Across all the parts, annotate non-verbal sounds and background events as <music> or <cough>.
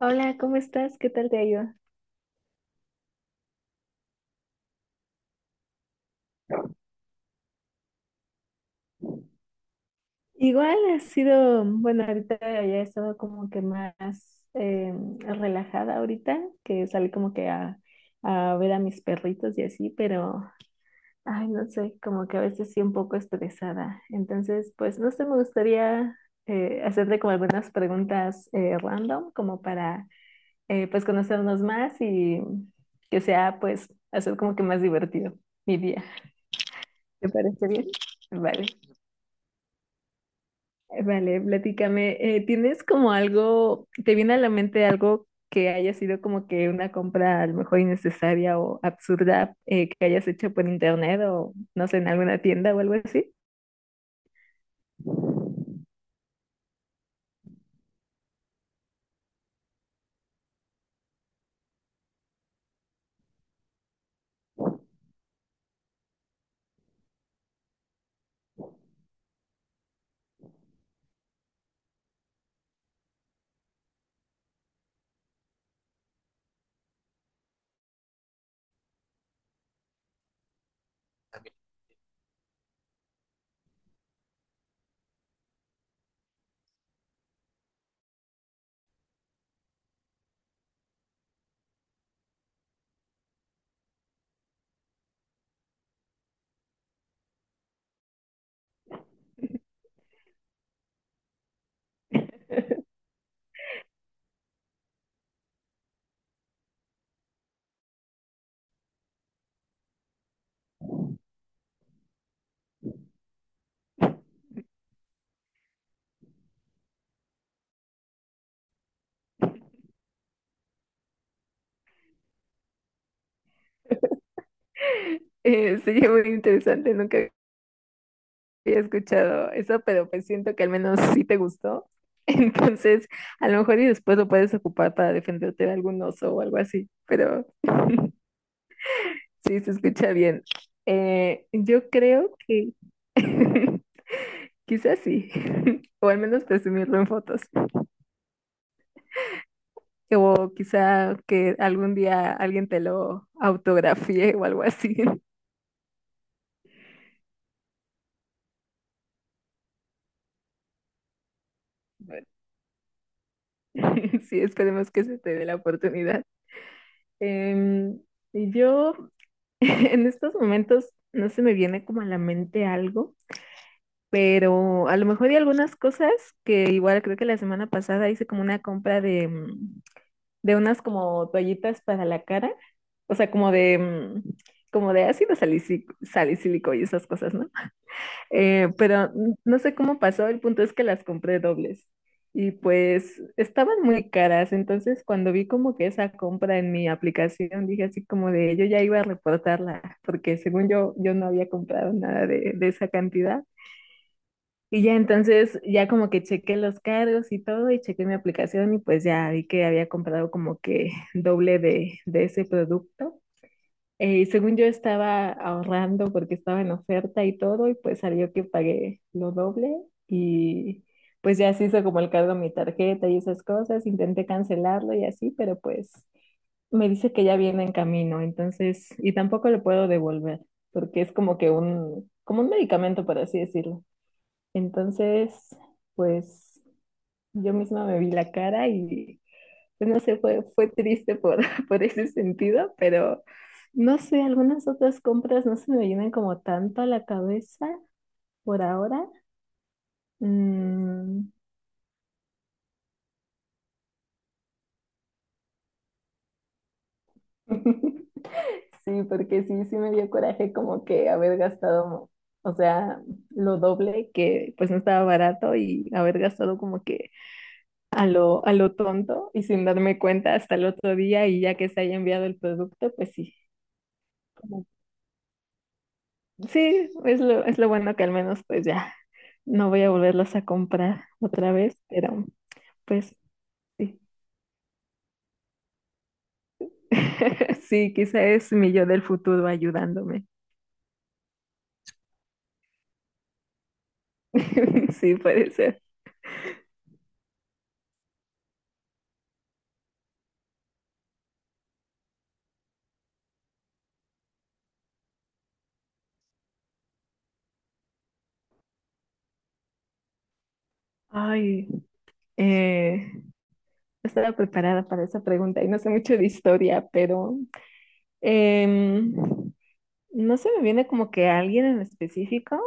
Hola, ¿cómo estás? ¿Qué tal te ha ido? Igual ha sido, bueno, ahorita ya he estado como que más eh, relajada ahorita, que salí como que a ver a mis perritos y así, pero, ay, no sé, como que a veces sí un poco estresada. Entonces, pues, no sé, me gustaría hacerte como algunas preguntas random, como pues, conocernos más y que sea, pues, hacer como que más divertido mi día. ¿Te parece bien? Vale. Vale, platícame. ¿Tienes como algo, te viene a la mente algo que haya sido como que una compra a lo mejor innecesaria o absurda que hayas hecho por internet o no sé, en alguna tienda o algo así? <laughs> Sería muy interesante, nunca había escuchado eso, pero pues siento que al menos sí te gustó. <laughs> Entonces, a lo mejor y después lo puedes ocupar para defenderte de algún oso o algo así, pero <laughs> sí se escucha bien. Yo creo que <laughs> quizás sí, <laughs> o al menos presumirlo en fotos, o quizá que algún día alguien te lo autografíe o algo así. <laughs> Bueno, <laughs> sí, esperemos que se te dé la oportunidad. Em, y yo <laughs> en estos momentos no se me viene como a la mente algo, pero a lo mejor hay algunas cosas que igual creo que la semana pasada hice como una compra de unas como toallitas para la cara, o sea, como de salicílico y esas cosas, ¿no? Pero no sé cómo pasó, el punto es que las compré dobles y pues estaban muy caras, entonces cuando vi como que esa compra en mi aplicación, dije así como de yo ya iba a reportarla, porque según yo no había comprado nada de esa cantidad. Y ya entonces, ya como que chequé los cargos y todo, y chequé mi aplicación y pues ya vi que había comprado como que doble de ese producto. Según yo estaba ahorrando porque estaba en oferta y todo, y pues salió que pagué lo doble y pues ya se hizo como el cargo a mi tarjeta y esas cosas, intenté cancelarlo y así, pero pues me dice que ya viene en camino, entonces, y tampoco lo puedo devolver porque es como que como un medicamento, por así decirlo. Entonces, pues yo misma me vi la cara y pues no sé, fue triste por, <laughs> por ese sentido, pero no sé, algunas otras compras no se me vienen como tanto a la cabeza por ahora. Mm. <laughs> Sí, porque sí, sí me dio coraje como que haber gastado, o sea, lo doble que pues no estaba barato y haber gastado como que a lo tonto y sin darme cuenta hasta el otro día y ya que se haya enviado el producto, pues sí. Sí, es lo bueno que al menos pues ya no voy a volverlos a comprar otra vez, pero pues sí. <laughs> Sí, quizá es mi yo del futuro ayudándome. <laughs> Sí, puede ser. Ay, no estaba preparada para esa pregunta y no sé mucho de historia, pero em, no se me viene como que alguien en específico.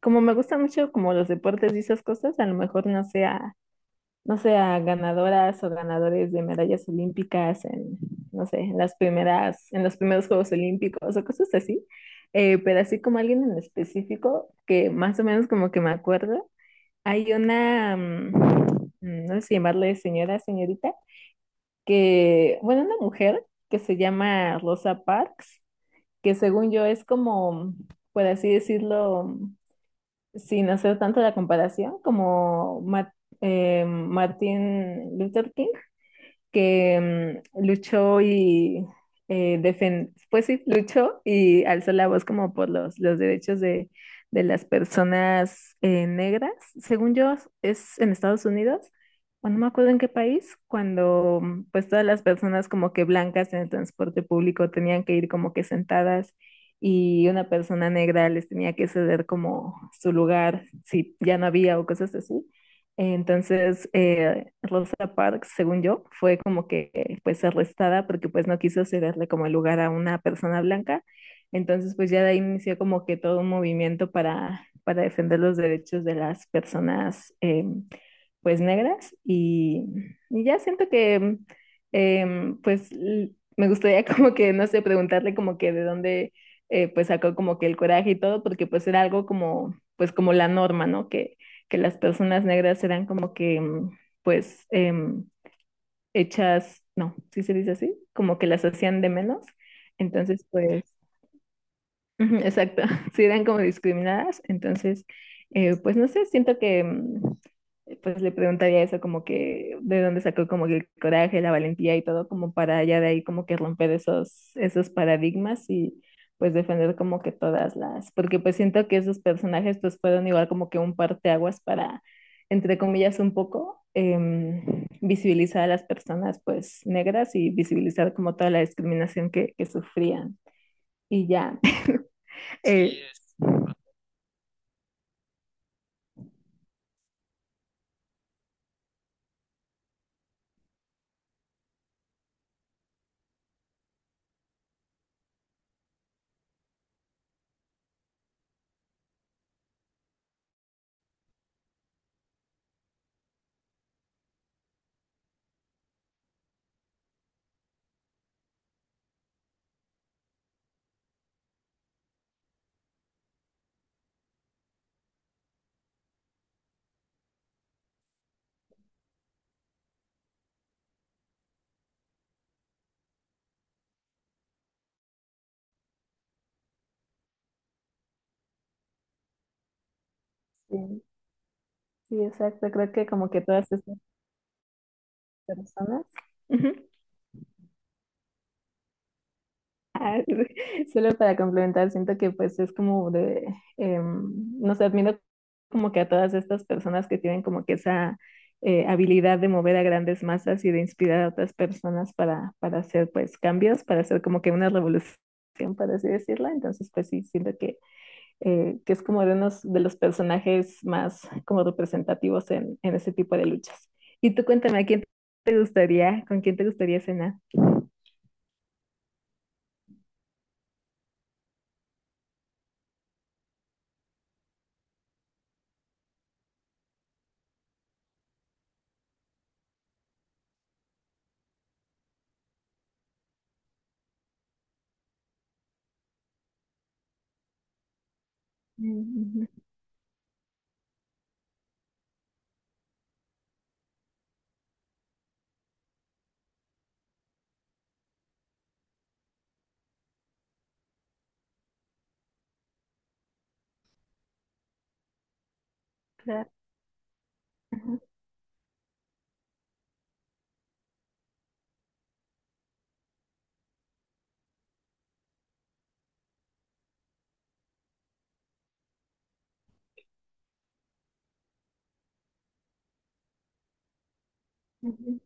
Como me gusta mucho como los deportes y esas cosas, a lo mejor no sea no sé, a ganadoras o ganadores de medallas olímpicas en, no sé, en las primeras, en los primeros Juegos Olímpicos o cosas así. Pero así como alguien en específico, que más o menos como que me acuerdo, hay no sé si llamarle señora, señorita, que, bueno, una mujer que se llama Rosa Parks, que según yo es como, por así decirlo, sin hacer tanto la comparación, como Martin Luther King, que luchó y pues sí, luchó y alzó la voz como por los derechos de las personas negras. Según yo, es en Estados Unidos, o no me acuerdo en qué país, cuando pues todas las personas como que blancas en el transporte público tenían que ir como que sentadas y una persona negra les tenía que ceder como su lugar si ya no había o cosas así. Entonces, Rosa Parks, según yo, fue como que pues arrestada porque pues no quiso cederle como el lugar a una persona blanca. Entonces, pues ya de ahí inició como que todo un movimiento para defender los derechos de las personas pues negras. Y ya siento que eh, pues l- me gustaría <laughs> como que, no sé, preguntarle como que de dónde pues sacó como que el coraje y todo, porque pues era algo como pues como la norma, ¿no? Que las personas negras eran como pues, hechas, no, si ¿sí se dice así, como que las hacían de menos. Entonces, pues, ujú, exacto, <laughs> si eran como discriminadas. Entonces, pues no sé, siento que pues le preguntaría eso como que de dónde sacó como que el coraje, la valentía y todo como para ya de ahí como que romper esos paradigmas y pues defender como que todas las, porque pues siento que esos personajes pues fueron igual como que un parteaguas entre comillas, un poco visibilizar a las personas pues negras y visibilizar como toda la discriminación que sufrían. Y ya, <laughs> Eh, sí, sí, exacto, creo que como que todas estas personas. Ujú. Ah, <laughs> solo para complementar, siento que pues es como no sé, admiro como que a todas estas personas que tienen como que esa habilidad de mover a grandes masas y de inspirar a otras personas para hacer pues cambios, para hacer como que una revolución, por así decirlo. Entonces pues sí, siento que es como de unos de los personajes más como representativos en ese tipo de luchas. Y tú cuéntame, ¿a quién te gustaría, con quién te gustaría cenar? Mm, ujú, claro. Ajá, ajá,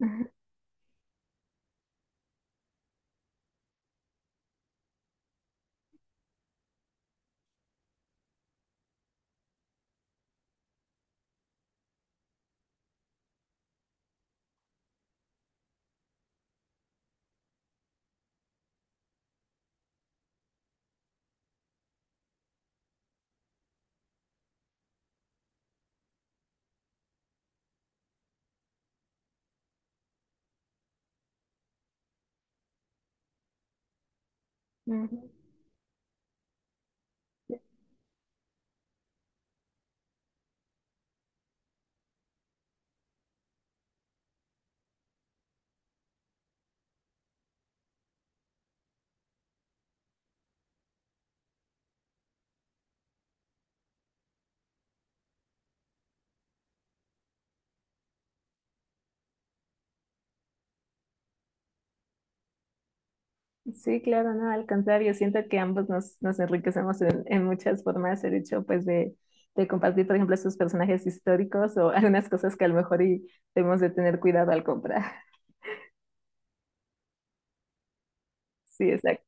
ajá, ajá. Sí, claro, no, al contrario, siento que ambos nos enriquecemos en muchas formas, el hecho pues de compartir, por ejemplo, esos personajes históricos o <laughs> algunas cosas que a lo mejor y debemos de tener cuidado al comprar. <laughs> Sí, exacto.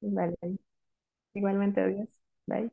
Vale, igualmente, adiós. Bye.